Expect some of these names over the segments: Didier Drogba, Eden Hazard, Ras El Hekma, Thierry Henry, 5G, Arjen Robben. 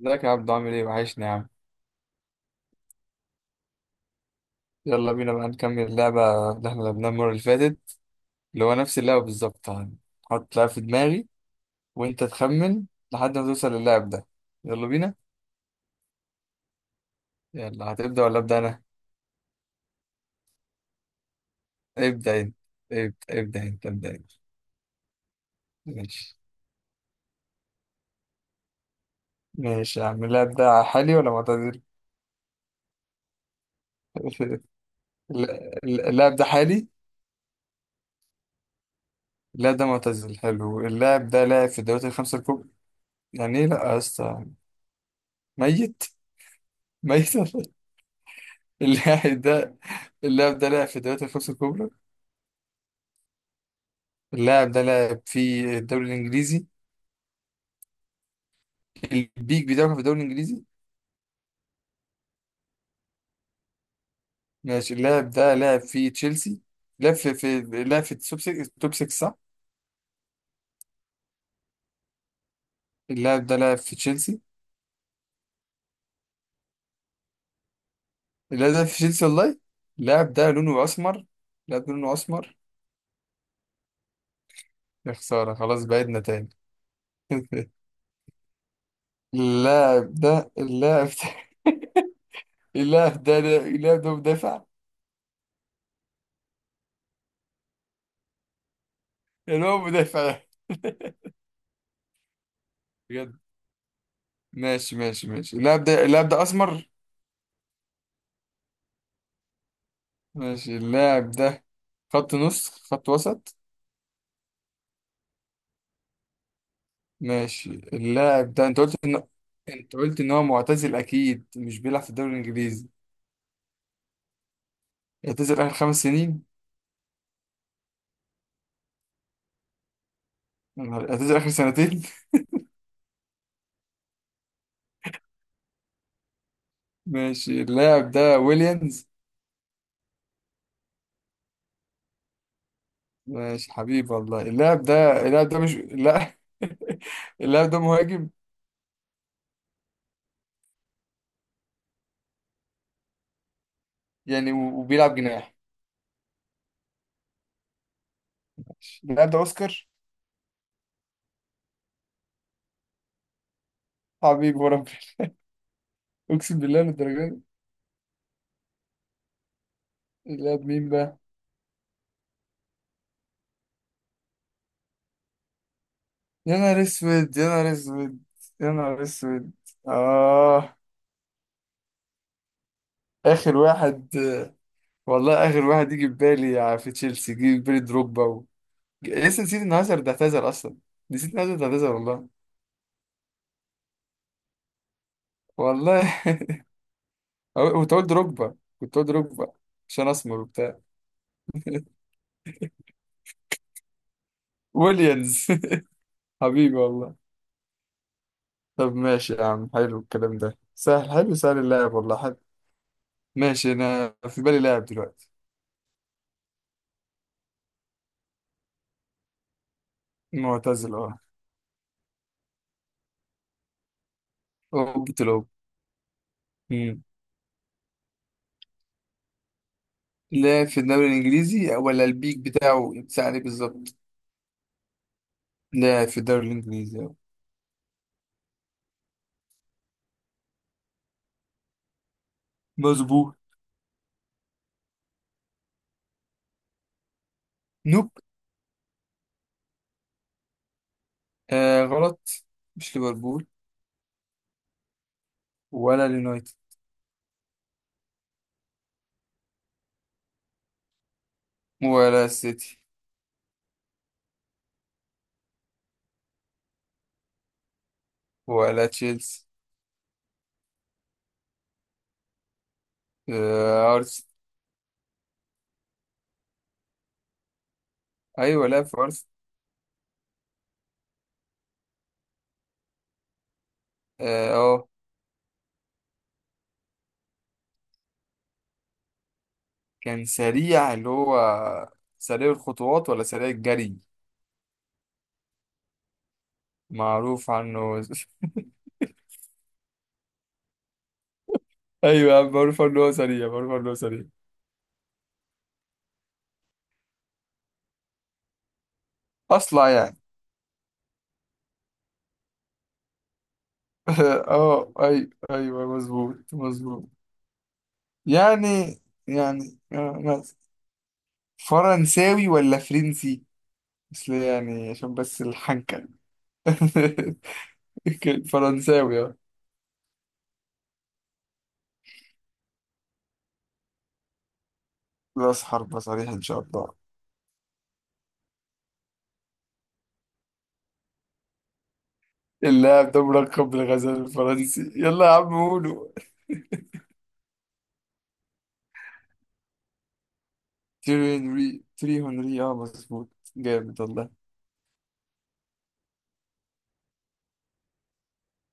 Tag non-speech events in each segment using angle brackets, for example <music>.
ازيك يا عبدو؟ عامل ايه؟ وحشني يا عم. يلا بينا بقى نكمل اللعبة اللي احنا لعبناها المرة اللي فاتت، اللي هو نفس اللعبة بالظبط. هحط لعبة في دماغي وانت تخمن لحد ما توصل للاعب ده. يلا بينا. يلا، هتبدأ ولا أبدأ أنا؟ ابدأ انت. ابدأ، ابدأ انت. ماشي. ماشي يا عم. اللاعب ده حالي ولا معتزل؟ <laughs> اللاعب ده حالي؟ اللاعب ده معتزل. حلو. اللاعب ده لاعب في الدوريات الخمسة الكبرى. يعني ايه لا يا اسطى؟ ميت؟ ميت. <laughs> اللاعب ده، اللاعب ده لعب في الدوريات الخمسة الكبرى. اللاعب ده لعب في الدوري الإنجليزي. البيك بتاعه كان في الدوري الإنجليزي. ماشي، اللاعب ده لعب في تشيلسي. لعب في لعب في التوب 6. التوب 6 صح؟ اللاعب ده لعب في تشيلسي. اللاعب ده في تشيلسي والله. اللاعب ده لونه أسمر. اللاعب ده لونه أسمر. يا خسارة، خلاص بعدنا تاني. <laughs> اللاعب ده اللاعب ده اللاعب ده اللاعب ده مدافع. يعني هو مدافع. <laughs> بجد؟ ماشي ماشي ماشي. اللاعب ده، اللاعب ده أسمر. ماشي. اللاعب ده خط نص، خط وسط. ماشي اللاعب ده. انت قلت ان هو معتزل، اكيد مش بيلعب في الدوري الانجليزي. اعتزل اخر خمس سنين. اعتزل اخر سنتين. <laughs> ماشي، اللاعب ده ويليامز. ماشي حبيبي والله. اللاعب ده مش لا. <laughs> اللاعب ده مهاجم. وبيلعب جناح. اللاعب ده اوسكار. حبيبي وربنا، اقسم بالله للدرجه دي. اللاعب مين بقى؟ يا نهار اسود، يا نهار اسود، يا نهار اسود. اه. اخر واحد، والله اخر واحد يجي في بالي، في تشيلسي يجي في بالي دروجبا و... لسه نسيت ان هازارد اعتذر اصلا. نسيت ان هازارد اعتذر والله. والله. <laughs> كنت اقول دروجبا، كنت اقول دروجبا. عشان اسمر وبتاع. ويليامز. <laughs> حبيبي والله. طب ماشي يا عم، حلو الكلام ده. سهل، حلو، سهل اللعب والله، حلو. ماشي، انا في بالي لاعب دلوقتي. معتزل اه. اوبة الأوب. لا في الدوري الانجليزي، ولا البيك بتاعه يتساع عليه بالظبط. لا في الدوري الانجليزي. مظبوط. نوب. آه غلط، مش ليفربول. ولا اليونايتد، ولا السيتي، ولا تشيلسي. آه ارسنال. ايوه لا في ارسنال. اه. آه، كان سريع اللي هو، سريع الخطوات ولا سريع الجري؟ معروف عنه. <laughs> ايوه يا عم، معروف عنه هو سريع، معروف عنه هو سريع. اصلع يعني. <laughs> اه ايوه ايوه، مظبوط مظبوط. يعني، يعني، فرنساوي ولا فرنسي؟ بس يعني عشان بس الحنكة. <laughs> فرنساوي اه. راس حربة صريح ان شاء الله. اللاعب ده ملقب بالغزال الفرنسي؟ يلا يا عم قولوا. تيري هنري. تيري هنري اه، مظبوط. جامد والله.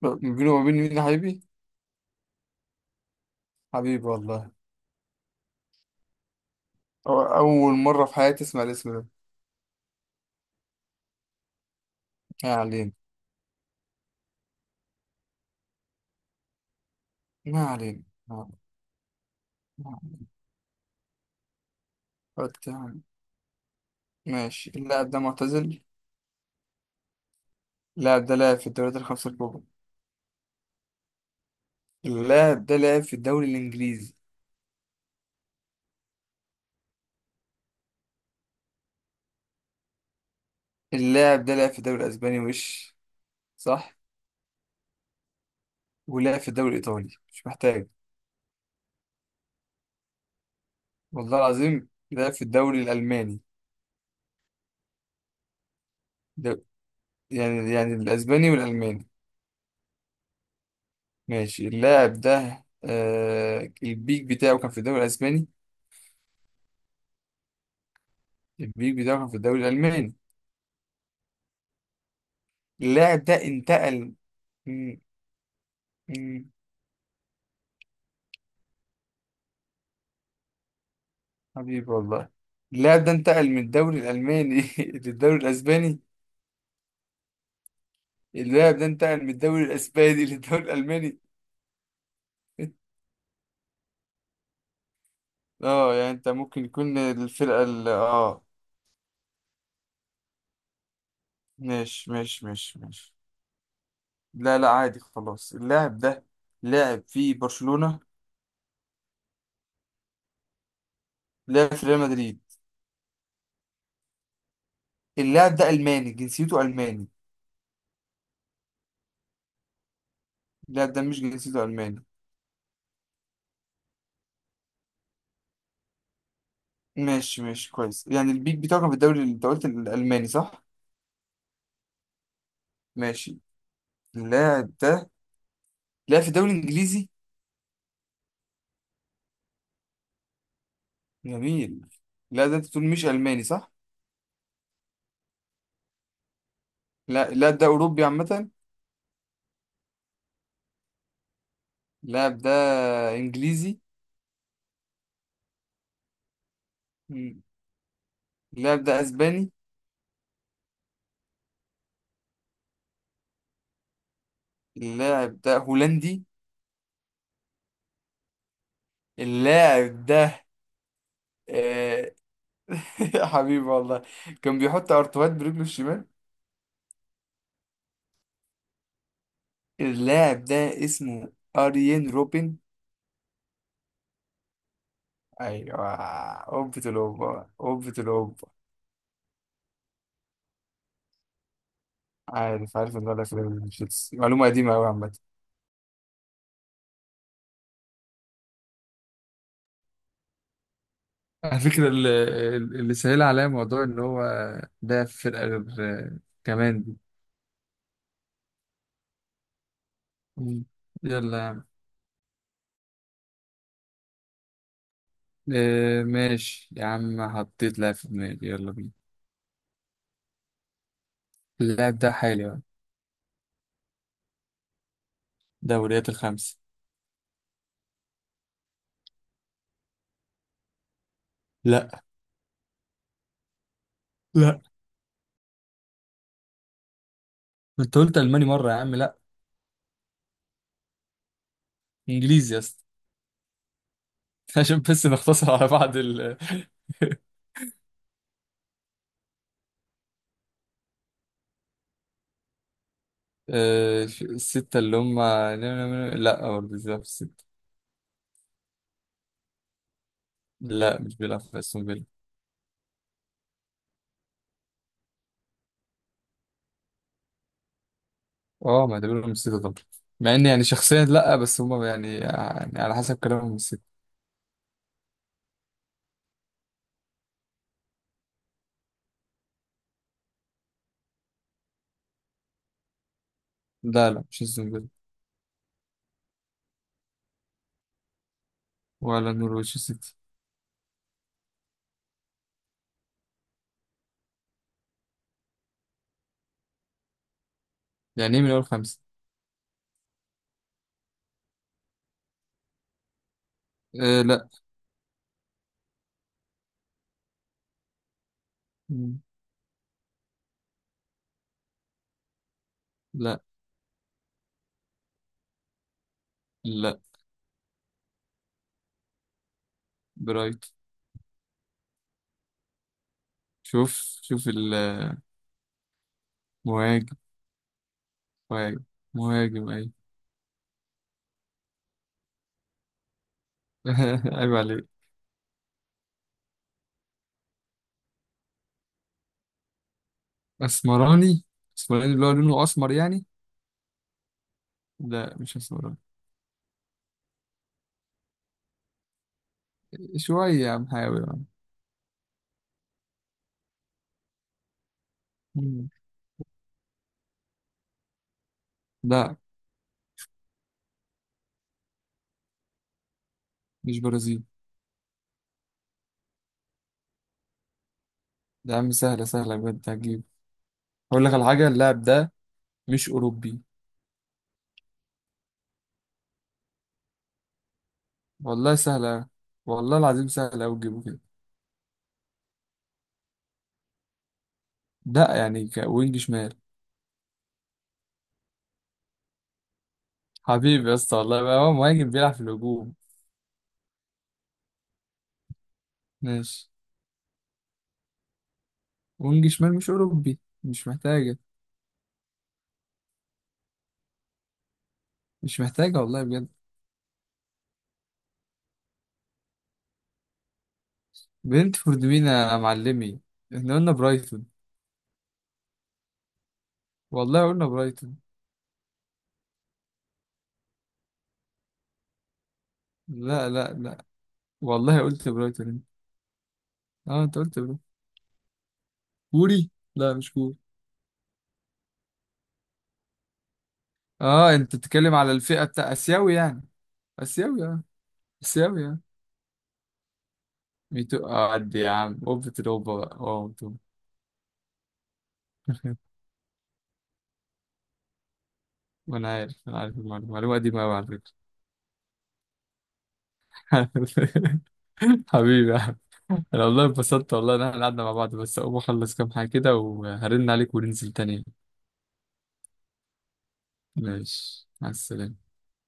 ما بينه وما بين مين يا حبيبي؟ حبيبي والله. أو أول مرة في حياتي أسمع الاسم ده. ما علينا، ما علينا، ما علينا. قلت يعني. ماشي، اللاعب ده معتزل. اللاعب ده لعب في الدوريات الخمسة الكبرى. اللاعب ده لعب في الدوري الإنجليزي. اللاعب ده لعب في الدوري الأسباني وش، صح؟ ولعب في الدوري الإيطالي، مش محتاج. والله العظيم لعب في الدوري الألماني. ده يعني، يعني الأسباني والألماني. ماشي، اللاعب ده آه البيك بتاعه كان في الدوري الأسباني. البيك بتاعه كان في الدوري الألماني. اللاعب ده انتقل. مم، مم، حبيبي والله. اللاعب ده انتقل من الدوري الألماني <laughs> للدوري الأسباني. اللاعب ده انتقل من الدوري الاسباني <laughs> للدوري الالماني. اه يعني انت ممكن يكون الفرقة ال اه. ماشي ماشي ماشي ماشي. لا لا عادي خلاص. اللاعب ده لاعب في برشلونة. لاعب في ريال مدريد. اللاعب ده ألماني، جنسيته ألماني. اللاعب ده مش جنسيته ألماني. ماشي ماشي كويس. يعني البيك بتاعه كان في الدوري اللي انت قلت الألماني صح؟ ماشي. اللاعب ده لاعب في الدوري الإنجليزي. جميل. اللاعب ده انت بتقول مش ألماني صح؟ لا اللاعب ده أوروبي عامة. اللاعب ده انجليزي. مم. اللاعب ده اسباني. اللاعب ده هولندي. اللاعب ده آه... <laughs> حبيبي والله. كان بيحط ارتوهات برجله الشمال. اللاعب ده اسمه اريين روبن. ايوه. اوبة الاوبة، اوبة الاوبة. عارف، عارف ان ده في ريال تشيلسي، معلومة قديمة قوي عامة. على فكرة، اللي سهل عليا موضوع إن هو ده في فرقة غير كمان دي. مم. يلا يا عم. إيه ماشي يا عم، حطيت لاعب في دماغي، يلا بينا. اللاعب ده حالي بقى. دوريات الخمسة. لا. لا. ما انت قلت ألماني مرة يا عم، لا. إنجليزي يا اسطى. <laughs> عشان بس نختصر على بعض ال. <laughs> إيه، الستة اللي هم. لا برضه مش بيلعب في الستة. لا مش بيلعب في أستون فيلا. اه ما اعتبرهم الستة طبعا، مع ان يعني شخصيا لا، بس هم يعني، يعني على حسب كلامهم الستة. لا لا مش أستون فيلا. ولا نورويتش سيتي. يعني ايه من أول خمسة؟ إيه لا. مم. لا. لا برايت. شوف. شوف المهاجم. مهاجم. مهاجم اي. <laughs> عيب عليك. اسمراني؟ اسمراني اللي هو لونه اسمر يعني؟ لا مش اسمراني. شوية يا عم، حاول يا عم. مم. لا مش برازيل. ده يا عم سهلة، سهلة بجد هتجيب. اقول لك على حاجة، اللاعب ده مش اوروبي. والله سهلة، والله العظيم سهلة اوي تجيبه كده. لا يعني كوينج شمال. حبيبي يا اسطى والله بقى هو مهاجم، بيلعب في الهجوم. ماشي. وينج شمال، مش اوروبي. مش محتاجة. مش محتاجة والله بجد. برنتفورد مين يا معلمي؟ احنا قلنا برايتون. والله قلنا برايتون. لا لا لا، والله قلت برايتون انت. اه انت قلت برايتون. كوري؟ لا مش كوري. اه انت بتتكلم على الفئة بتاع اسيوي يعني؟ اسيوي اه. اسيوي اه. ميتو اه، قد يا عم اوبة الاوبة بقى، اه ميتو. <laughs> وانا عارف، انا عارف المعلومة، المعلومة دي ما على فكرة. <laughs> حبيبي يا عم. انا والله انبسطت والله ان احنا قعدنا مع بعض. بس اقوم اخلص كام حاجة كده وهرن عليك وننزل تاني. ماشي مع السلامة.